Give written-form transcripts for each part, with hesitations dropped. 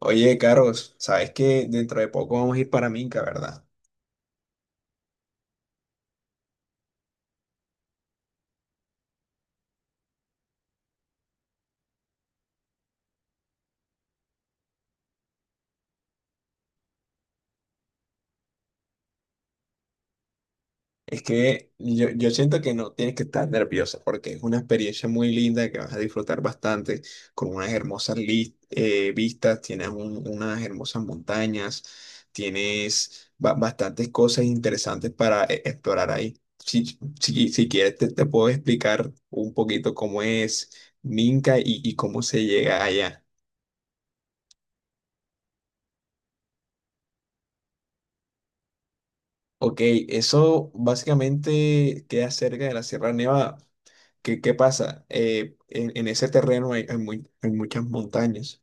Oye, Carlos, sabes que dentro de poco vamos a ir para Minca, ¿verdad? Es que yo siento que no tienes que estar nerviosa porque es una experiencia muy linda que vas a disfrutar bastante, con unas hermosas vistas, tienes unas hermosas montañas, tienes bastantes cosas interesantes para explorar ahí. Si quieres, te puedo explicar un poquito cómo es Minca y cómo se llega allá. Ok, eso básicamente queda cerca de la Sierra Nevada. ¿Qué pasa? En ese terreno hay muchas montañas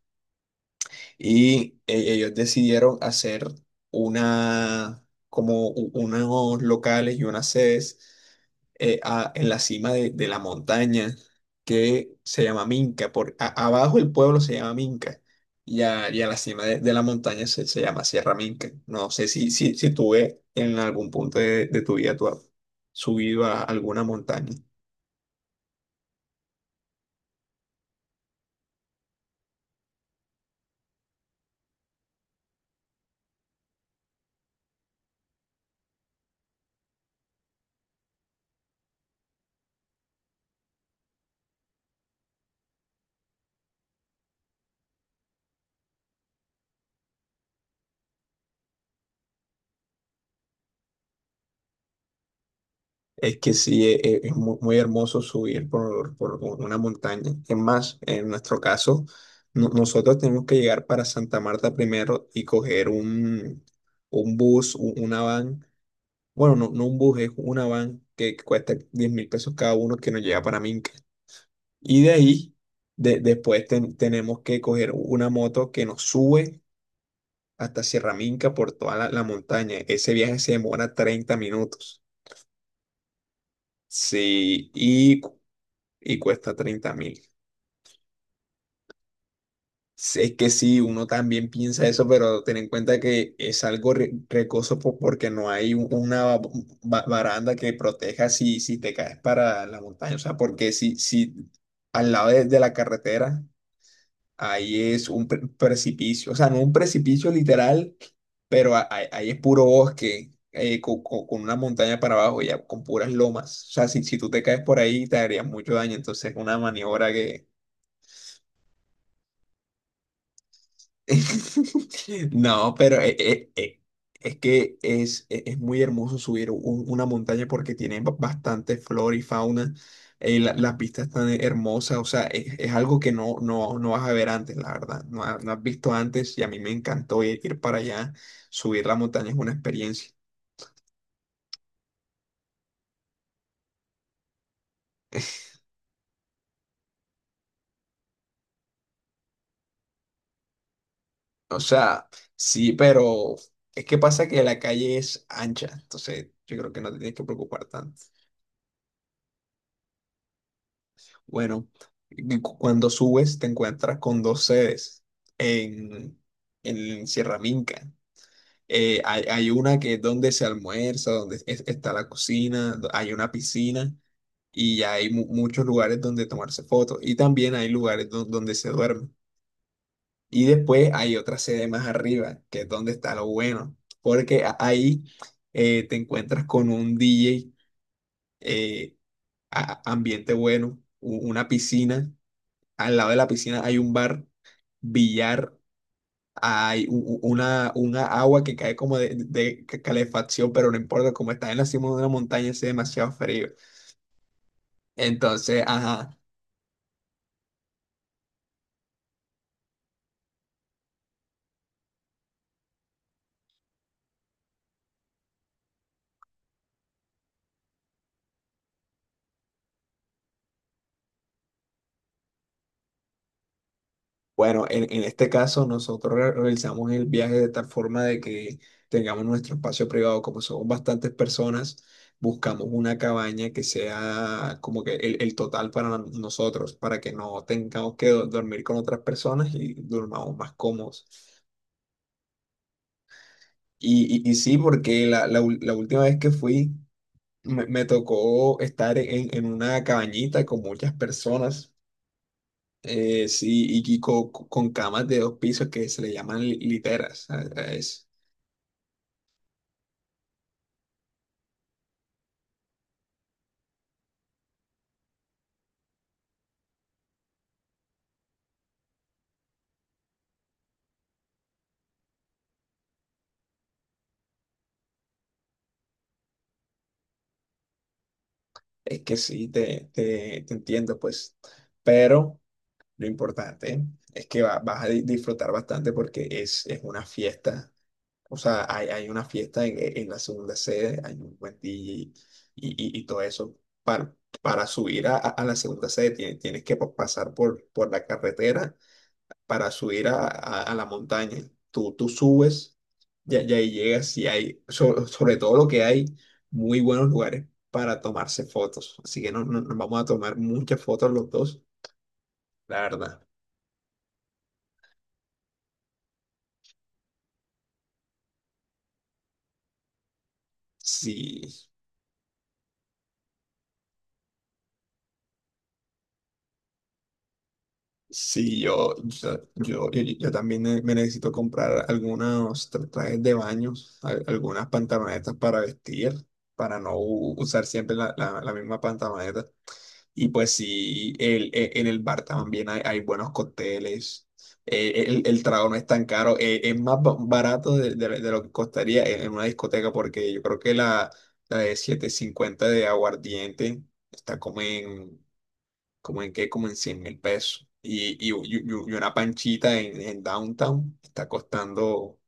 y ellos decidieron hacer una, como unos locales y unas sedes en la cima de la montaña que se llama Minca. Por, abajo el pueblo se llama Minca y a la cima de la montaña se llama Sierra Minca. No sé si tú ves en algún punto de tu vida tú has subido a alguna montaña. Es que sí, es, muy, hermoso subir por una montaña. Es más, en nuestro caso, nosotros tenemos que llegar para Santa Marta primero y coger un bus, una van. Bueno, no un bus, es una van que cuesta 10.000 pesos cada uno que nos lleva para Minca. Y de ahí, después tenemos que coger una moto que nos sube hasta Sierra Minca por toda la, la montaña. Ese viaje se demora 30 minutos. Sí, y cuesta 30.000. Sí, es que sí, uno también piensa eso, pero ten en cuenta que es algo recoso porque no hay una baranda que proteja si te caes para la montaña. O sea, porque si, si al lado de la carretera, ahí es un precipicio. O sea, no un precipicio literal, pero ahí es puro bosque, con, una montaña para abajo, ya con puras lomas. O sea, si, si tú te caes por ahí, te harías mucho daño. Entonces, es una maniobra. No, pero es que es, es muy hermoso subir una montaña porque tiene bastante flora y fauna. La, las vistas tan hermosas, o sea, es algo que no vas a ver antes, la verdad. No, no has visto antes y a mí me encantó ir, ir para allá. Subir la montaña es una experiencia. O sea, sí, pero es que pasa que la calle es ancha, entonces yo creo que no te tienes que preocupar tanto. Bueno, y cuando subes te encuentras con dos sedes en, en Sierra Minca. Hay una que es donde se almuerza, donde está la cocina, hay una piscina y ya hay muchos lugares donde tomarse fotos y también hay lugares donde se duerme. Y después hay otra sede más arriba, que es donde está lo bueno, porque ahí te encuentras con un DJ, eh, ambiente bueno, una piscina, al lado de la piscina hay un bar, billar, hay una agua que cae como de calefacción, pero no importa, como está en la cima de una montaña, hace demasiado frío. Entonces, ajá, bueno, en este caso nosotros realizamos el viaje de tal forma de que tengamos nuestro espacio privado, como somos bastantes personas. Buscamos una cabaña que sea como que el total para nosotros, para que no tengamos que dormir con otras personas y durmamos más cómodos. Y sí, porque la última vez que fui me tocó estar en una cabañita con muchas personas, sí, y con, camas de 2 pisos que se le llaman literas. A es que sí, te entiendo, pues. Pero lo importante es que vas a disfrutar bastante porque es una fiesta. O sea, hay una fiesta en, en la segunda sede, hay un buen DJ y todo eso. Para, para subir a la segunda sede tienes, tienes que pasar por la carretera para subir a la montaña. Tú subes ya ya ahí llegas y hay, sobre, sobre todo lo que hay, muy buenos lugares para tomarse fotos. Así que no, nos vamos a tomar muchas fotos los dos, la verdad. Sí. Sí, yo también me necesito comprar algunos trajes de baños, algunas pantalonetas para vestir, para no usar siempre la misma pantaloneta. Y pues sí, en el bar también hay buenos cócteles. El trago no es tan caro, es más barato de, de lo que costaría en una discoteca, porque yo creo que la de 750 de aguardiente está como en como en qué, como en 100.000 pesos. Y una panchita en downtown está costando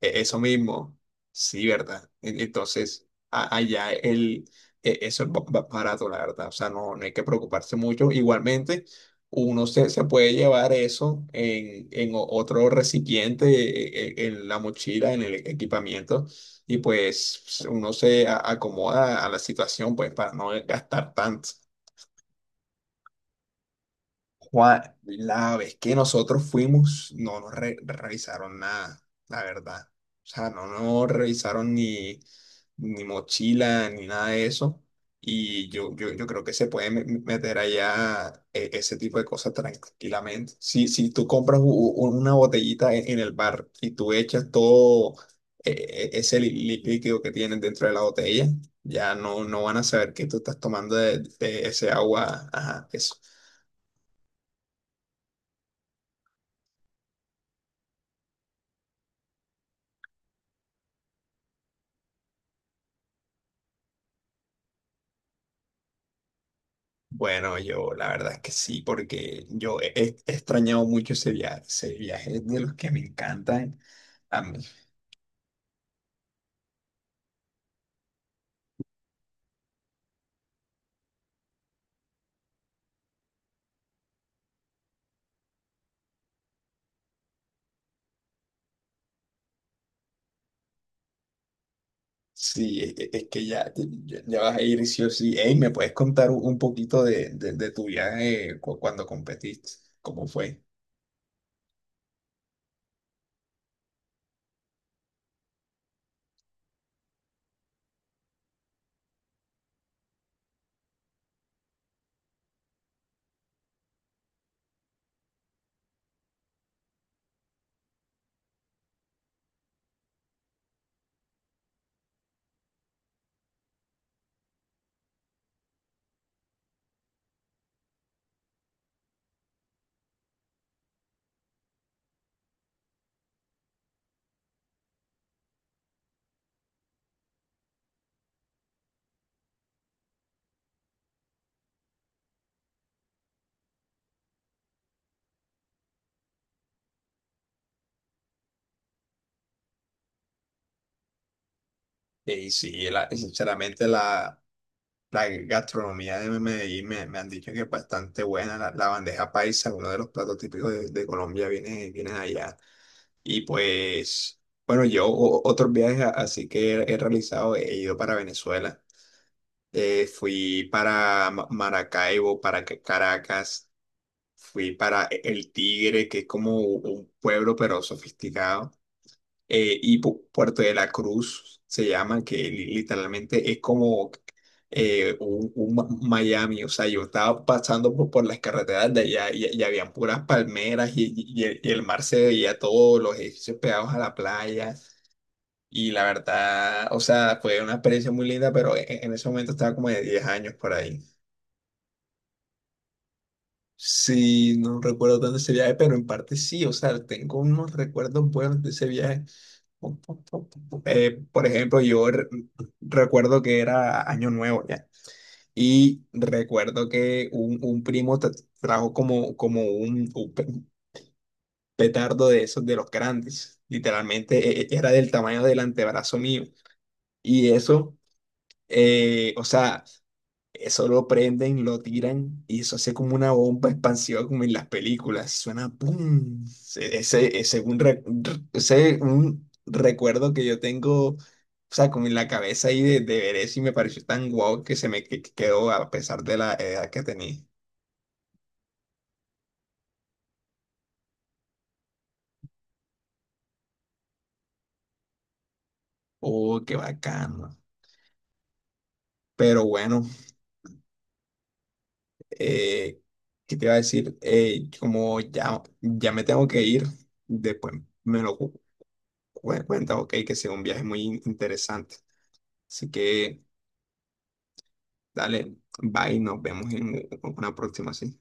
eso mismo. Sí, ¿verdad? En- Entonces, allá eso es barato, la verdad. O sea, no, no hay que preocuparse mucho. Igualmente, uno se puede llevar eso en otro recipiente, en la mochila, en el equipamiento. Y pues uno se acomoda a la situación, pues, para no gastar tanto. Juan, la vez que nosotros fuimos, no nos revisaron nada, la verdad. O sea, no nos revisaron ni, ni mochila, ni nada de eso. Y yo creo que se puede meter allá ese tipo de cosas tranquilamente. Si, si tú compras una botellita en el bar y tú echas todo ese líquido que tienen dentro de la botella, ya no, no van a saber que tú estás tomando de ese agua, ajá, eso. Bueno, yo la verdad es que sí, porque yo he, he extrañado mucho ese viaje es de los que me encantan a mí. Sí, es que ya, ya ya vas a ir sí o sí. Ey, ¿me puedes contar un poquito de tu viaje cuando competiste? ¿Cómo fue? Y sí, sinceramente la, la gastronomía de Medellín me han dicho que es bastante buena. La bandeja paisa, uno de los platos típicos de Colombia, viene, viene de allá. Y pues, bueno, yo otros viajes así que he, he realizado, he ido para Venezuela. Fui para Maracaibo, para Caracas, fui para El Tigre, que es como un pueblo pero sofisticado, y Puerto de la Cruz se llama, que literalmente es como un Miami. O sea, yo estaba pasando por las carreteras de allá y- habían puras palmeras y, y el mar se veía todos los edificios pegados a la playa. Y la verdad, o sea, fue una experiencia muy linda, pero en ese momento estaba como de 10 años por ahí. Sí, no recuerdo tanto ese viaje, pero en parte sí, o sea, tengo unos recuerdos buenos de ese viaje. Por ejemplo, yo recuerdo que era Año Nuevo ya, y recuerdo que un primo trajo como, como un petardo de esos de los grandes, literalmente era del tamaño del antebrazo mío, y eso, o sea, eso lo prenden, lo tiran y eso hace como una bomba expansiva como en las películas. Suena ¡pum! Ese un recuerdo que yo tengo, o sea, como en la cabeza ahí de ver eso y me pareció tan guau que se me que quedó a pesar de la edad que tenía. ¡Oh, qué bacano! Pero bueno, eh, ¿qué te iba a decir? Como ya, ya me tengo que ir, después me lo cuenta, ok, que sea un viaje muy interesante. Así que... Dale, bye, nos vemos en una próxima, sí.